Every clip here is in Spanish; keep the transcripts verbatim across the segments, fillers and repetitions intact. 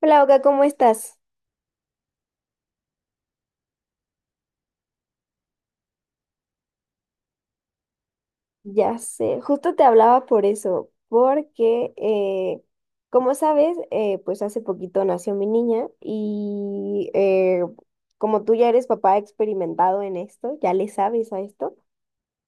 Hola, Oka, ¿cómo estás? Ya sé, justo te hablaba por eso, porque eh, como sabes, eh, pues hace poquito nació mi niña y eh, como tú ya eres papá experimentado en esto, ya le sabes a esto,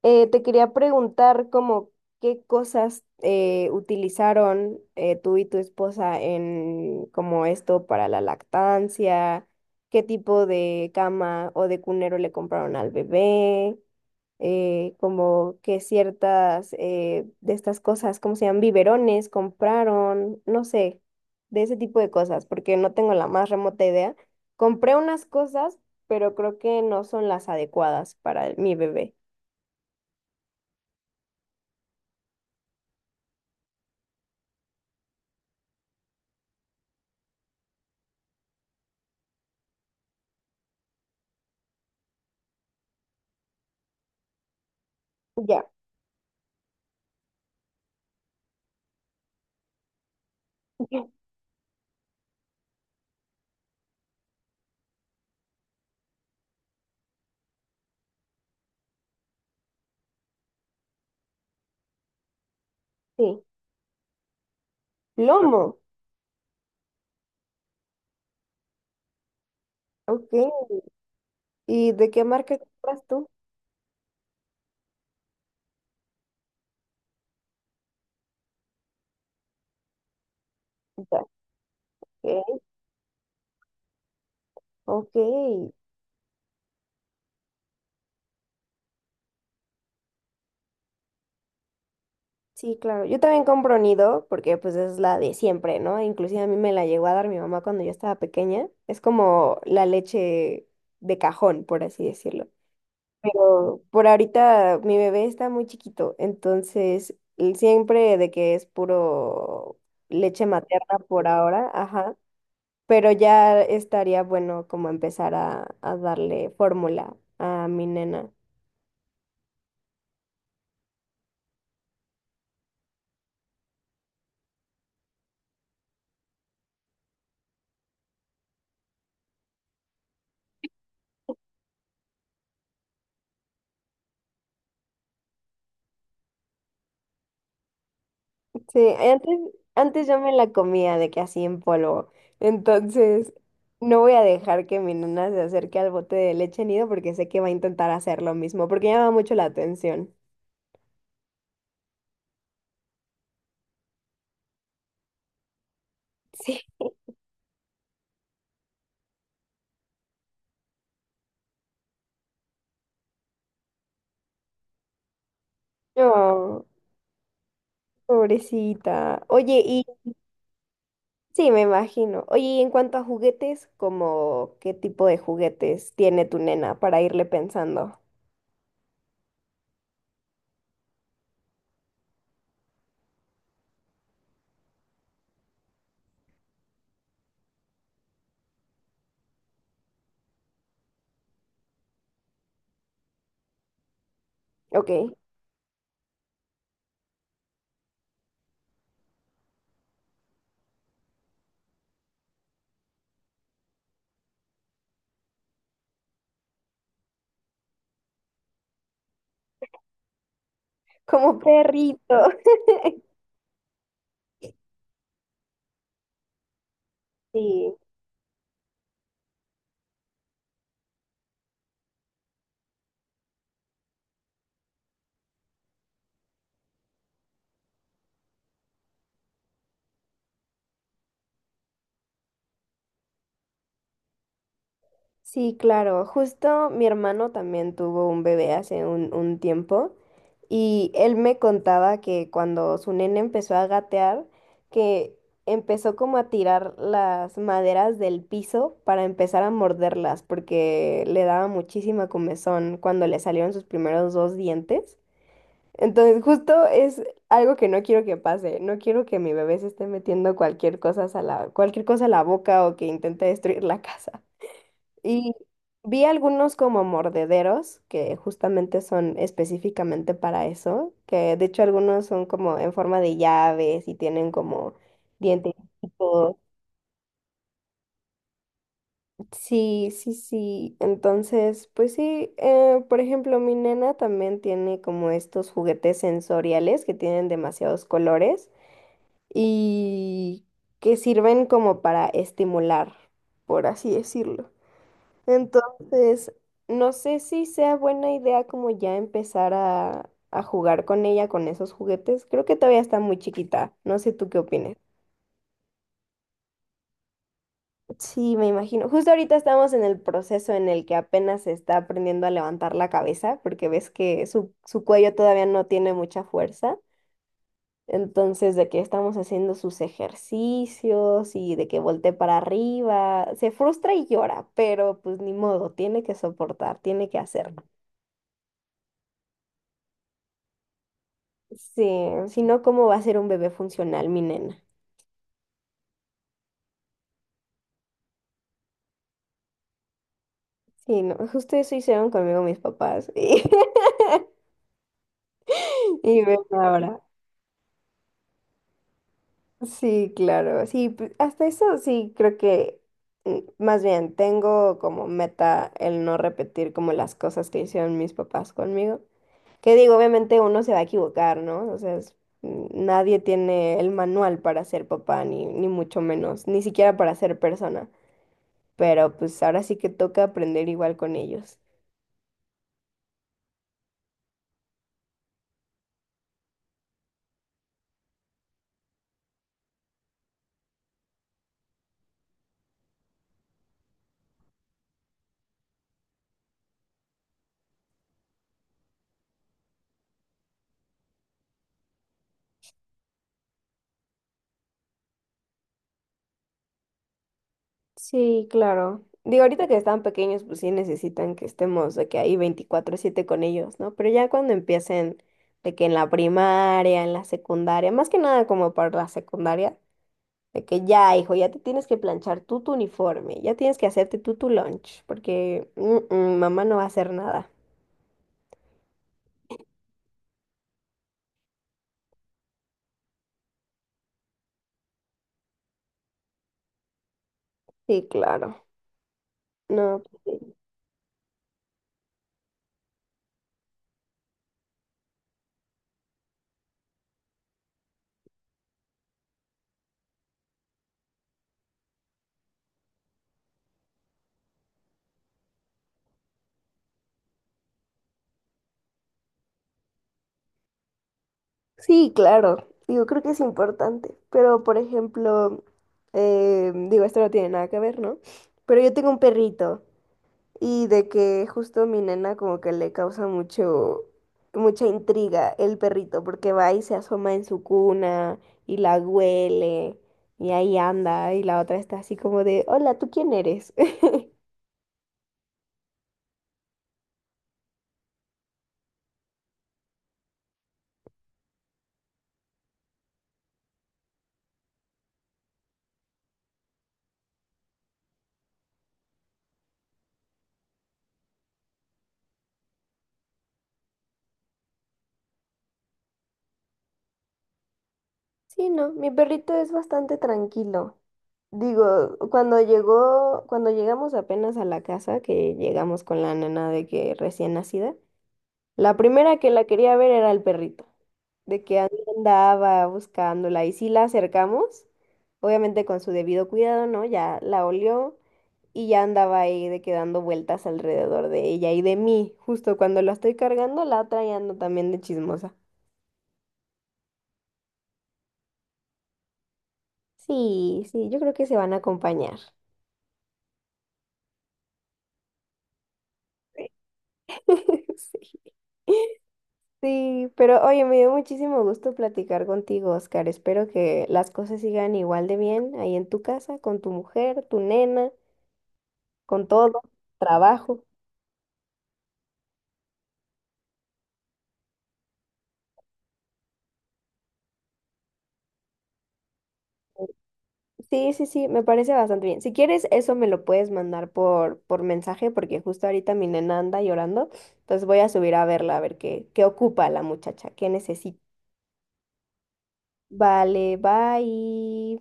eh, te quería preguntar como qué cosas eh, utilizaron eh, tú y tu esposa en como esto para la lactancia, qué tipo de cama o de cunero le compraron al bebé. Eh, como que ciertas eh, de estas cosas, ¿cómo se llaman? Biberones, compraron, no sé, de ese tipo de cosas, porque no tengo la más remota idea. Compré unas cosas, pero creo que no son las adecuadas para el- mi bebé. Ya, ya, sí. Lomo, ok. ¿Y de qué marca compras tú? Ya, ok. Ok. Sí, claro. Yo también compro nido porque pues es la de siempre, ¿no? Inclusive a mí me la llegó a dar mi mamá cuando yo estaba pequeña. Es como la leche de cajón, por así decirlo. Pero por ahorita mi bebé está muy chiquito, entonces él siempre de que es puro leche materna por ahora, ajá. Pero ya estaría bueno como empezar a, a darle fórmula a mi nena. Sí, antes, antes yo me la comía de que así en polvo. Entonces, no voy a dejar que mi nena se acerque al bote de leche nido porque sé que va a intentar hacer lo mismo, porque llama mucho la atención. Sí. Oh, pobrecita. Oye, y sí, me imagino. Oye, y en cuanto a juguetes, ¿como qué tipo de juguetes tiene tu nena para irle pensando? Ok, como perrito. Sí. Sí, claro. Justo mi hermano también tuvo un bebé hace un, un tiempo y él me contaba que cuando su nene empezó a gatear, que empezó como a tirar las maderas del piso para empezar a morderlas porque le daba muchísima comezón cuando le salieron sus primeros dos dientes. Entonces, justo es algo que no quiero que pase. No quiero que mi bebé se esté metiendo cualquier cosa a la, cualquier cosa a la boca o que intente destruir la casa. Y vi algunos como mordederos, que justamente son específicamente para eso, que de hecho algunos son como en forma de llaves y tienen como dientes. Sí, sí, sí. Entonces, pues sí, eh, por ejemplo, mi nena también tiene como estos juguetes sensoriales que tienen demasiados colores y que sirven como para estimular, por así decirlo. Entonces, no sé si sea buena idea como ya empezar a, a jugar con ella, con esos juguetes. Creo que todavía está muy chiquita. No sé tú qué opinas. Sí, me imagino. Justo ahorita estamos en el proceso en el que apenas se está aprendiendo a levantar la cabeza, porque ves que su, su cuello todavía no tiene mucha fuerza. Entonces, de que estamos haciendo sus ejercicios y de que voltee para arriba, se frustra y llora, pero pues ni modo, tiene que soportar, tiene que hacerlo. Sí, si no, ¿cómo va a ser un bebé funcional, mi nena? Sí, no, justo eso hicieron conmigo mis papás. Y, y ven ahora. Sí, claro. Sí, p- hasta eso sí creo que, mm, más bien, tengo como meta el no repetir como las cosas que hicieron mis papás conmigo. Que digo, obviamente uno se va a equivocar, ¿no? O sea, es- mm, nadie tiene el manual para ser papá, ni, ni mucho menos, ni siquiera para ser persona. Pero pues ahora sí que toca aprender igual con ellos. Sí, claro. Digo, ahorita que están pequeños, pues sí necesitan que estemos de que ahí veinticuatro siete con ellos, ¿no? Pero ya cuando empiecen de que en la primaria, en la secundaria, más que nada como para la secundaria, de que ya, hijo, ya te tienes que planchar tú tu uniforme, ya tienes que hacerte tú tu lunch, porque mm, mm, mamá no va a hacer nada. Sí, claro. No, pues sí. Sí, claro. Digo, creo que es importante. Pero, por ejemplo, eh, digo, esto no tiene nada que ver, ¿no? Pero yo tengo un perrito. Y de que justo a mi nena como que le causa mucho, mucha intriga el perrito, porque va y se asoma en su cuna y la huele y ahí anda y la otra está así como de, hola, ¿tú quién eres? Sí, no, mi perrito es bastante tranquilo. Digo, cuando llegó, cuando llegamos apenas a la casa, que llegamos con la nena de que recién nacida, la primera que la quería ver era el perrito, de que andaba buscándola y sí la acercamos, obviamente con su debido cuidado, ¿no? Ya la olió y ya andaba ahí de que dando vueltas alrededor de ella y de mí, justo cuando la estoy cargando, la otra ya ando también de chismosa. Sí, sí, yo creo que se van a acompañar. Sí. Sí, pero oye, me dio muchísimo gusto platicar contigo, Oscar. Espero que las cosas sigan igual de bien ahí en tu casa, con tu mujer, tu nena. Con todo, trabajo. Sí, sí, sí, me parece bastante bien. Si quieres, eso me lo puedes mandar por, por mensaje, porque justo ahorita mi nena anda llorando. Entonces voy a subir a verla, a ver qué, qué ocupa la muchacha, qué necesita. Vale, bye.